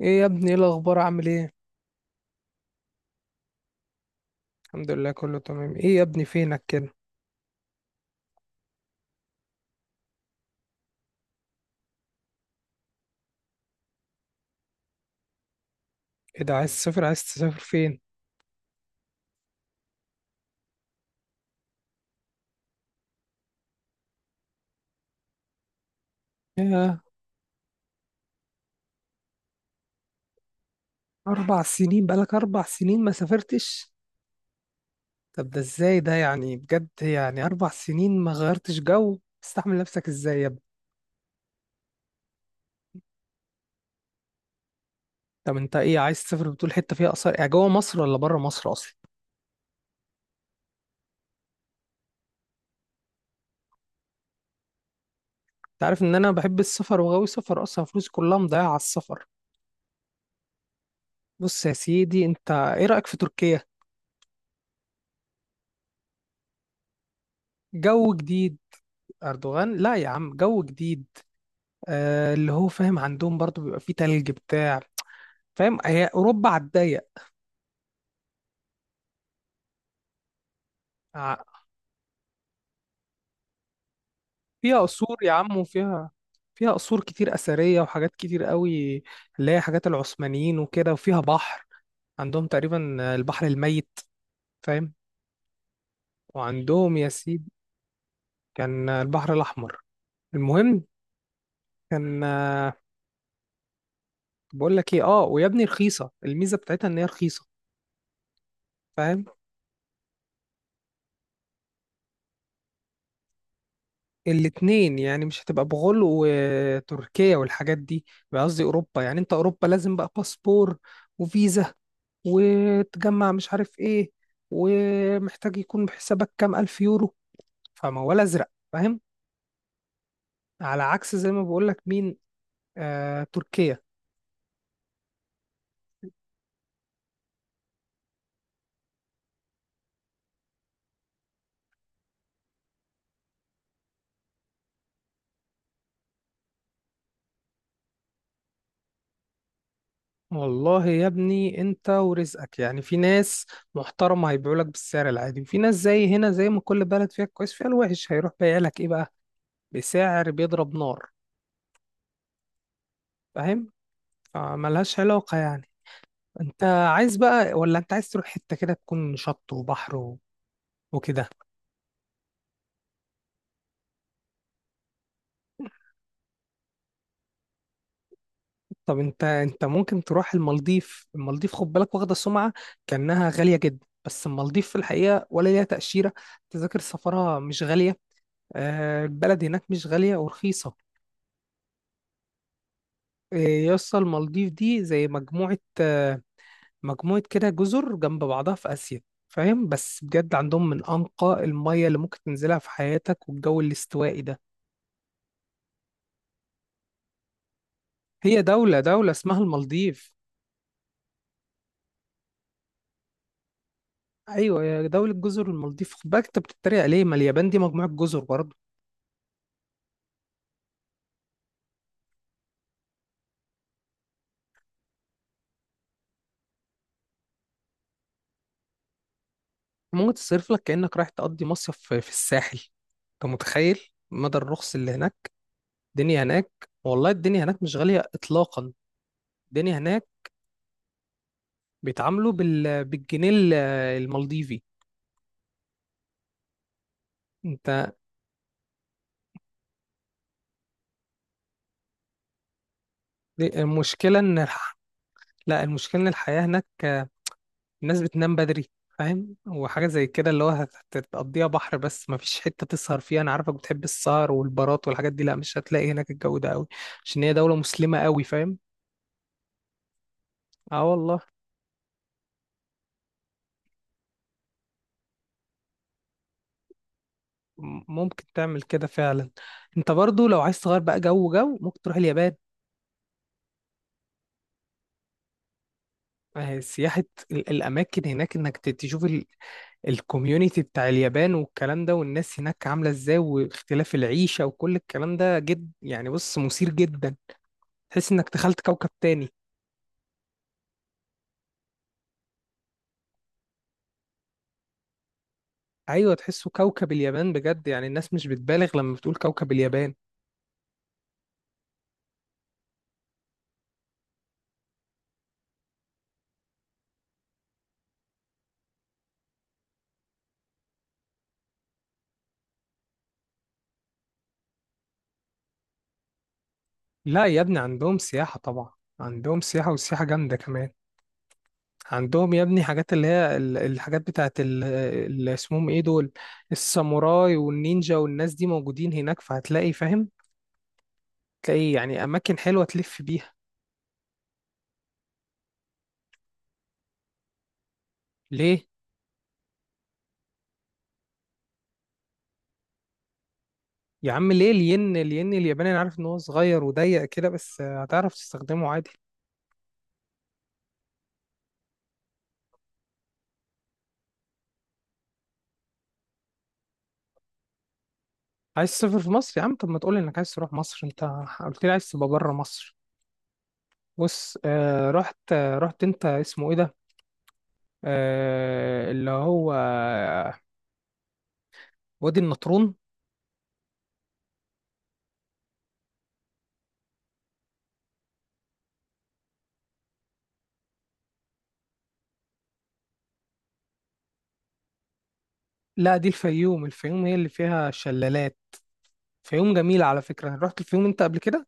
ايه يا ابني، ايه الاخبار؟ عامل ايه؟ الحمد لله، كله تمام. ايه يا ابني فينك كده؟ ايه ده؟ عايز تسافر فين؟ ياه! 4 سنين؟ بقالك 4 سنين ما سافرتش؟ طب ده ازاي ده؟ يعني بجد، يعني 4 سنين ما غيرتش جو؟ تستحمل نفسك ازاي يا ابني؟ طب انت ايه عايز تسافر؟ بتقول حته فيها اثار، يعني جوه مصر ولا بره مصر اصلا؟ انت عارف ان انا بحب السفر وغاوي سفر اصلا، فلوسي كلها مضيعه على السفر. بص يا سيدي، انت ايه رايك في تركيا؟ جو جديد. اردوغان؟ لا يا عم، جو جديد. اللي هو فاهم، عندهم برضو بيبقى فيه تلج بتاع. فاهم؟ هي أوروبا على الضيق. ع- فيها قصور يا عم وفيها. فيها قصور كتير أثرية وحاجات كتير قوي، اللي هي حاجات العثمانيين وكده، وفيها بحر. عندهم تقريبا البحر الميت، فاهم؟ وعندهم يا سيدي، كان البحر الأحمر. المهم، كان بقول لك ايه، ويا ابني رخيصة، الميزة بتاعتها ان هي رخيصة. فاهم؟ الاتنين يعني، مش هتبقى بغل وتركيا والحاجات دي. بقى قصدي اوروبا، يعني انت اوروبا لازم بقى باسبور وفيزا وتجمع مش عارف ايه، ومحتاج يكون بحسابك كام الف يورو، فموال ازرق، فاهم؟ على عكس زي ما بقولك مين؟ تركيا. والله يا ابني انت ورزقك يعني، في ناس محترمة هيبيعولك بالسعر العادي، وفي ناس زي هنا، زي ما كل بلد فيها كويس فيها الوحش، هيروح بايع لك ايه بقى، بسعر بيضرب نار. فاهم؟ فملهاش علاقة يعني. انت عايز بقى، ولا انت عايز تروح حتة كده تكون شط وبحر وكده؟ طب انت ممكن تروح المالديف. المالديف خد بالك، واخدة سمعة كأنها غالية جدا، بس المالديف في الحقيقة ولا ليها تأشيرة. تذاكر سفرها مش غالية. البلد هناك مش غالية، ورخيصة. يا اسطى، المالديف دي زي مجموعة، مجموعة كده جزر جنب بعضها في آسيا. فاهم؟ بس بجد عندهم من أنقى المية اللي ممكن تنزلها في حياتك، والجو الاستوائي ده. هي دولة، دولة اسمها المالديف. أيوة، يا دولة جزر المالديف خد بالك، أنت بتتريق ليه؟ ما اليابان دي مجموعة جزر برضه. ممكن تصرف لك كأنك رايح تقضي مصيف في الساحل. أنت متخيل مدى الرخص اللي هناك؟ الدنيا هناك، والله الدنيا هناك مش غالية إطلاقا. الدنيا هناك بيتعاملوا بالجنيه المالديفي. أنت، المشكلة إن الح... لا، المشكلة إن الحياة هناك، الناس بتنام بدري، فاهم؟ وحاجة زي كده اللي هو هتقضيها بحر، بس مفيش حتة تسهر فيها. أنا عارفك بتحب السهر والبارات والحاجات دي، لأ مش هتلاقي هناك الجو ده أوي، عشان هي دولة مسلمة أوي، فاهم؟ اه والله. ممكن تعمل كده فعلا. انت برضو لو عايز تغير بقى جو، ممكن تروح اليابان. سياحة. الأماكن هناك، إنك تشوف الكوميونيتي بتاع اليابان والكلام ده، والناس هناك عاملة إزاي، واختلاف العيشة، وكل الكلام ده جد يعني، بص مثير جدا. تحس إنك دخلت كوكب تاني. ايوه تحسه كوكب اليابان بجد، يعني الناس مش بتبالغ لما بتقول كوكب اليابان. لا يا ابني، عندهم سياحة طبعا. عندهم سياحة، والسياحة جامدة كمان. عندهم يا ابني حاجات، اللي هي الحاجات بتاعت اللي اسمهم ايه دول، الساموراي والنينجا، والناس دي موجودين هناك فهتلاقي، فاهم؟ تلاقي يعني اماكن حلوة تلف بيها. ليه؟ يا عم ليه، الين، الين الياباني انا عارف ان هو صغير وضيق كده، بس هتعرف تستخدمه عادي. عايز تسافر في مصر يا عم؟ طب ما تقول انك عايز تروح مصر، انت قلت لي عايز تبقى بره مصر. بص، رحت انت اسمه ايه ده، اللي هو وادي النطرون. لا دي الفيوم، الفيوم هي اللي فيها شلالات. فيوم جميلة على فكرة، رحت الفيوم انت قبل كده؟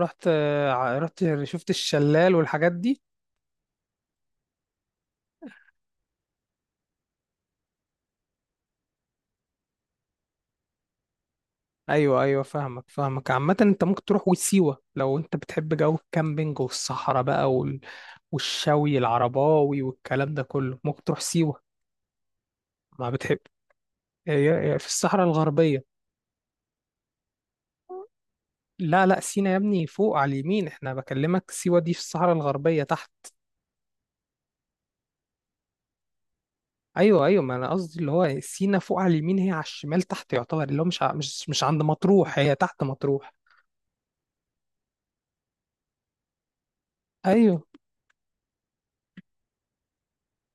رحت شفت الشلال والحاجات دي؟ ايوه ايوه، فاهمك فاهمك. عامة انت ممكن تروح وسيوة لو انت بتحب جو الكامبينج والصحراء بقى، والشوي العرباوي والكلام ده كله، ممكن تروح سيوة. ما بتحب؟ هي في الصحراء الغربية. لا لا، سينا يا ابني فوق على اليمين، احنا بكلمك سيوة دي في الصحراء الغربية تحت. ايوه ايوه، ما انا قصدي اللي هو سينا فوق على اليمين، هي على الشمال تحت يعتبر، اللي هو مش عند مطروح، هي تحت مطروح. ايوه،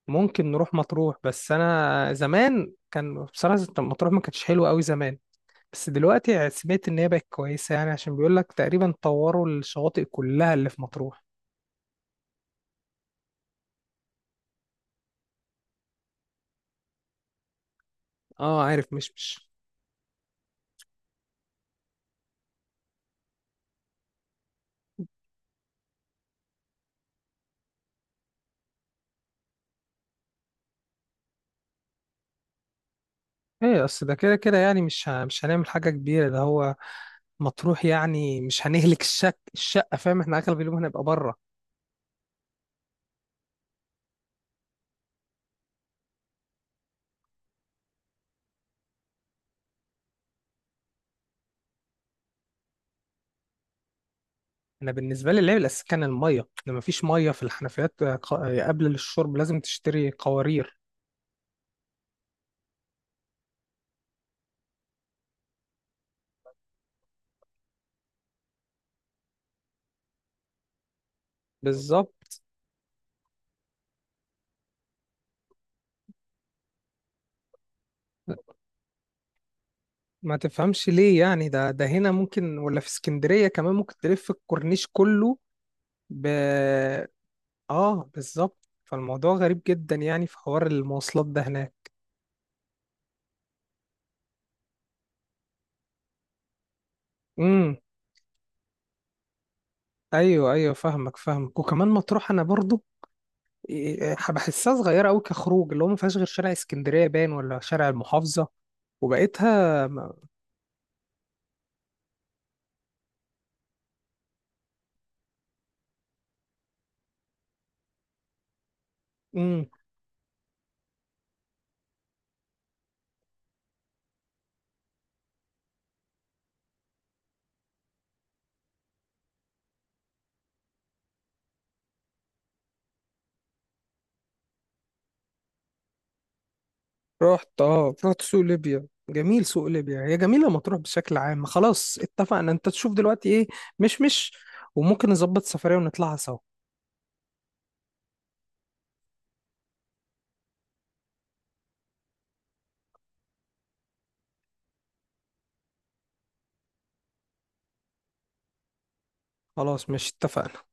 ممكن نروح مطروح، بس انا زمان كان بصراحة مطروح ما كانتش حلوة قوي زمان، بس دلوقتي سمعت ان هي بقت كويسة، يعني عشان بيقول لك تقريبا طوروا الشواطئ كلها اللي في مطروح. اه عارف، مش. ايه، اصل ده كده كده يعني مش هنعمل حاجة كبيرة، ده هو مطروح يعني، مش هنهلك الشقة، فاهم؟ احنا اغلب اليوم هنبقى بره. انا بالنسبة لي العيب الاساسي كان المية، لما مفيش مية في الحنفيات، قبل الشرب لازم تشتري قوارير. بالظبط، ما تفهمش ليه يعني، ده هنا ممكن ولا في اسكندرية كمان ممكن تلف الكورنيش كله، ب اه بالظبط، فالموضوع غريب جدا يعني في حوار المواصلات ده هناك. امم. ايوه ايوه، فاهمك فاهمك، وكمان مطروح انا برضو إيه، بحسها صغيرة أوي كخروج، اللي هو ما فيهاش غير شارع اسكندرية باين ولا شارع المحافظة وبقيتها ما... مم. رحت، رحت سوق ليبيا. جميل سوق ليبيا، هي جميلة مطروح بشكل عام. خلاص اتفقنا، انت تشوف دلوقتي ايه، مش مش وممكن نظبط سفرية ونطلعها سوا. خلاص، مش اتفقنا؟